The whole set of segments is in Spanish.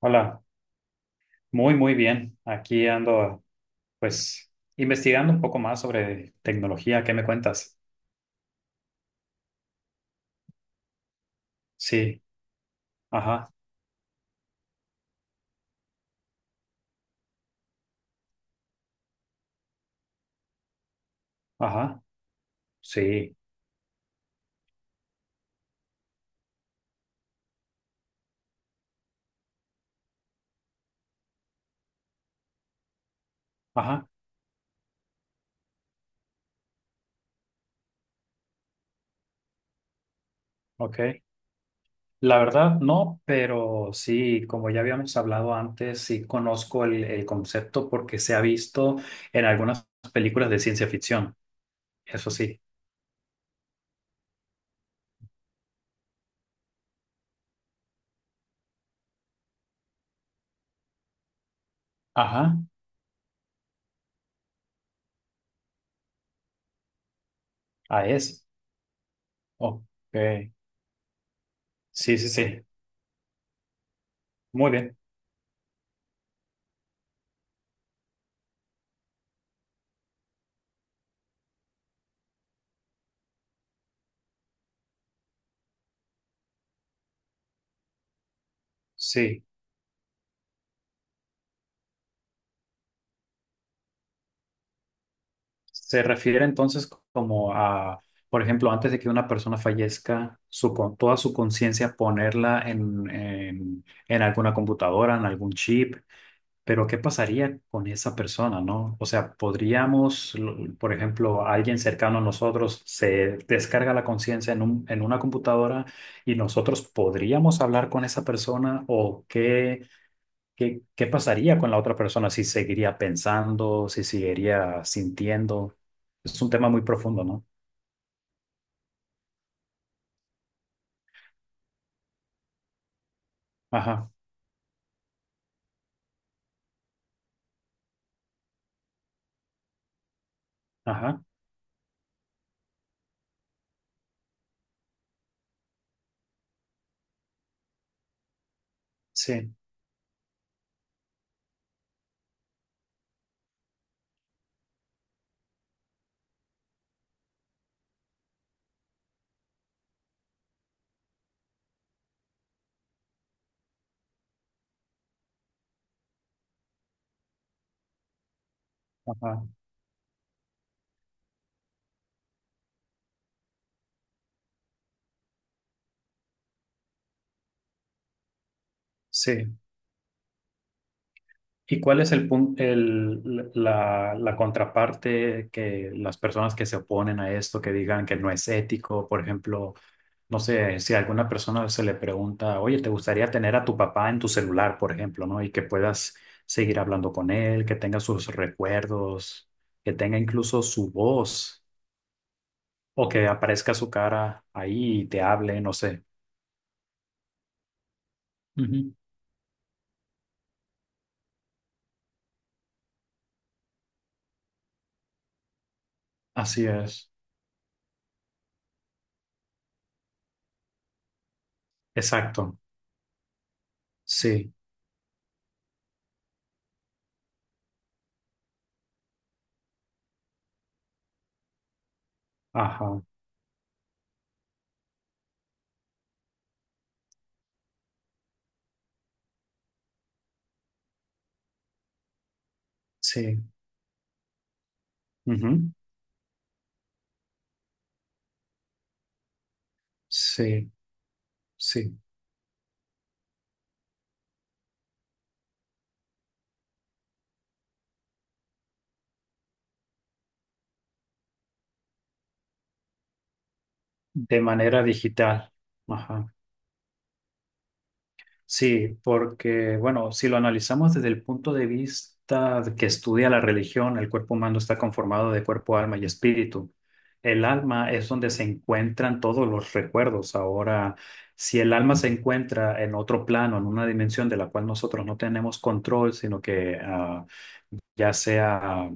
Hola, muy, muy bien. Aquí ando, pues, investigando un poco más sobre tecnología. ¿Qué me cuentas? Sí, ajá, ajá, sí, ajá, ok. La verdad, no, pero sí, como ya habíamos hablado antes, sí conozco el concepto porque se ha visto en algunas películas de ciencia ficción. Eso sí, ajá, ah, es. Ok, sí, sí, sí, muy bien, sí. Se refiere entonces como a, por ejemplo, antes de que una persona fallezca, toda su conciencia ponerla en alguna computadora, en algún chip, pero ¿qué pasaría con esa persona, no? O sea, podríamos, por ejemplo, alguien cercano a nosotros se descarga la conciencia en un, en una computadora y nosotros podríamos hablar con esa persona o qué. ¿Qué pasaría con la otra persona si seguiría pensando, si seguiría sintiendo? Es un tema muy profundo, ¿no? Ajá, ajá, sí, ajá, sí. ¿Y cuál es el punto, la contraparte que las personas que se oponen a esto, que digan que no es ético, por ejemplo? No sé, si a alguna persona se le pregunta, oye, ¿te gustaría tener a tu papá en tu celular, por ejemplo, no? Y que puedas seguir hablando con él, que tenga sus recuerdos, que tenga incluso su voz, o que aparezca su cara ahí y te hable, no sé. Ujú. Así es. Exacto. Sí. Ajá. Sí. Ujú. Sí. Sí. De manera digital. Ajá. Sí, porque, bueno, si lo analizamos desde el punto de vista de que estudia la religión, el cuerpo humano está conformado de cuerpo, alma y espíritu. El alma es donde se encuentran todos los recuerdos. Ahora, si el alma se encuentra en otro plano, en una dimensión de la cual nosotros no tenemos control, sino que ya sea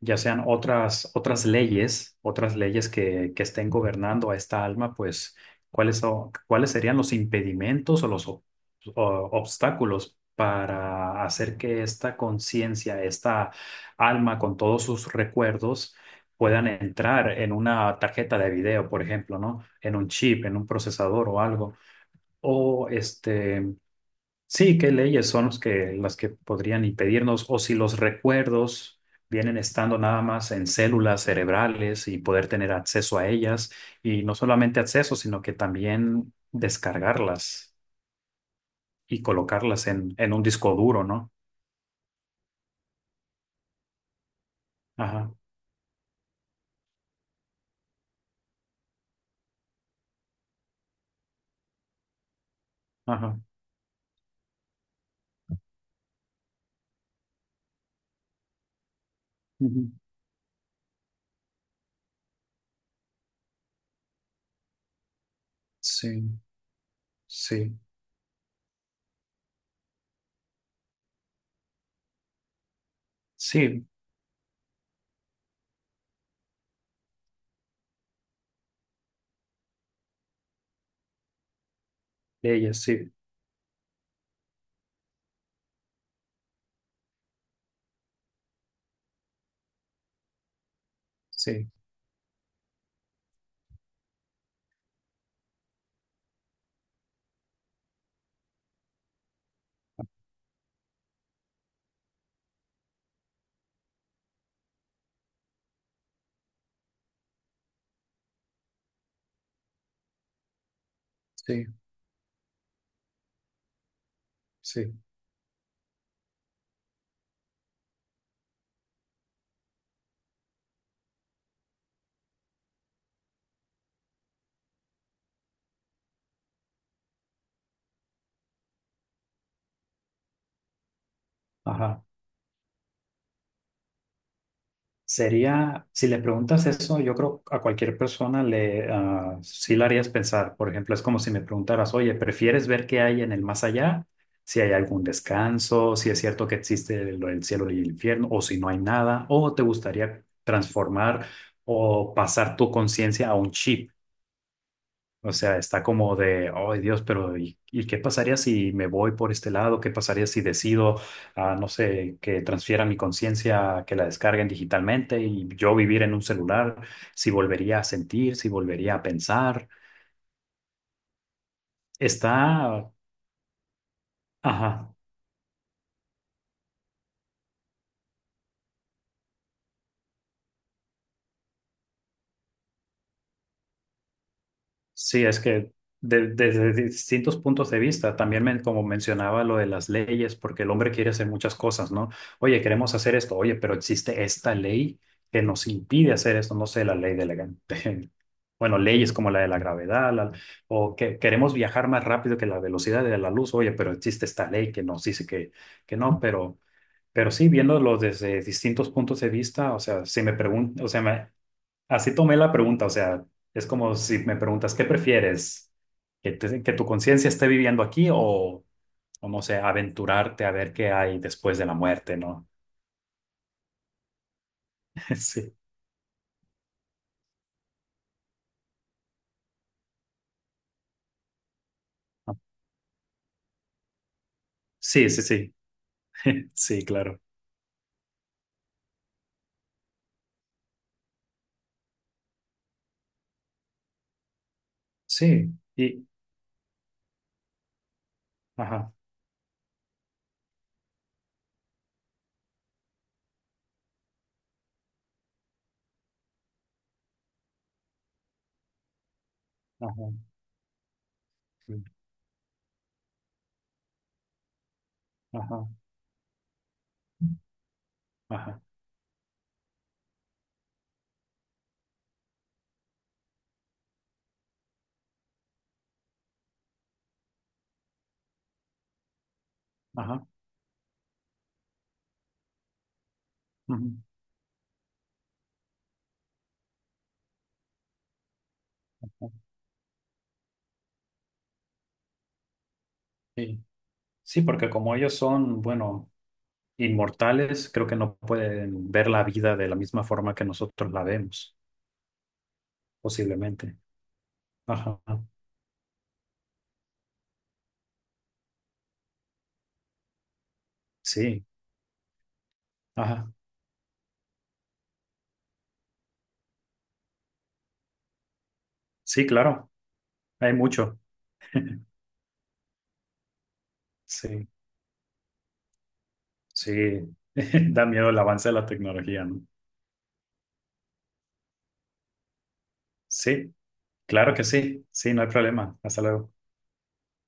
ya sean otras leyes que estén gobernando a esta alma, pues, cuáles serían los impedimentos o los obstáculos para hacer que esta conciencia, esta alma con todos sus recuerdos puedan entrar en una tarjeta de video, por ejemplo, ¿no? En un chip, en un procesador o algo. O este, Sí, ¿qué leyes son los que, las que podrían impedirnos o si los recuerdos vienen estando nada más en células cerebrales y poder tener acceso a ellas y no solamente acceso, sino que también descargarlas y colocarlas en, un disco duro, ¿no? Ajá, ajá. Ujú. Sí, sí, sí, leyes, sí, sí, sí, sí, ajá. Sería, si le preguntas eso, yo creo a cualquier persona sí la harías pensar. Por ejemplo, es como si me preguntaras, oye, ¿prefieres ver qué hay en el más allá? Si hay algún descanso, si es cierto que existe lo del cielo y el infierno, o si no hay nada, o te gustaría transformar o pasar tu conciencia a un chip. O sea, está como de, ay Dios, pero ¿y qué pasaría si me voy por este lado? ¿Qué pasaría si decido, no sé, que transfiera mi conciencia, que la descarguen digitalmente y yo vivir en un celular? Si volvería a sentir, si volvería a pensar. Está, ajá. Sí, es que desde distintos puntos de vista, también como mencionaba lo de las leyes, porque el hombre quiere hacer muchas cosas, ¿no? Oye, queremos hacer esto, oye, pero existe esta ley que nos impide hacer esto, no sé, la ley de bueno, leyes como la de la gravedad, o que queremos viajar más rápido que la velocidad de la luz, oye, pero existe esta ley que nos dice que no, pero sí, viéndolo desde distintos puntos de vista, o sea, si me preguntan, o sea, así tomé la pregunta, o sea, es como si me preguntas, ¿qué prefieres? ¿Que tu conciencia esté viviendo aquí o no sé, aventurarte a ver qué hay después de la muerte, ¿no? Sí, sí, sí, sí, sí, claro. Sí, y, ajá, ajá, sí, ajá, ajá, ajá. Ujú, sí. Sí, porque como ellos son, bueno, inmortales, creo que no pueden ver la vida de la misma forma que nosotros la vemos, posiblemente. Ajá, sí. Ajá. Sí, claro, hay mucho. Sí, sí, da miedo el avance de la tecnología, ¿no? Sí, claro que sí, sí, no hay problema. Hasta luego.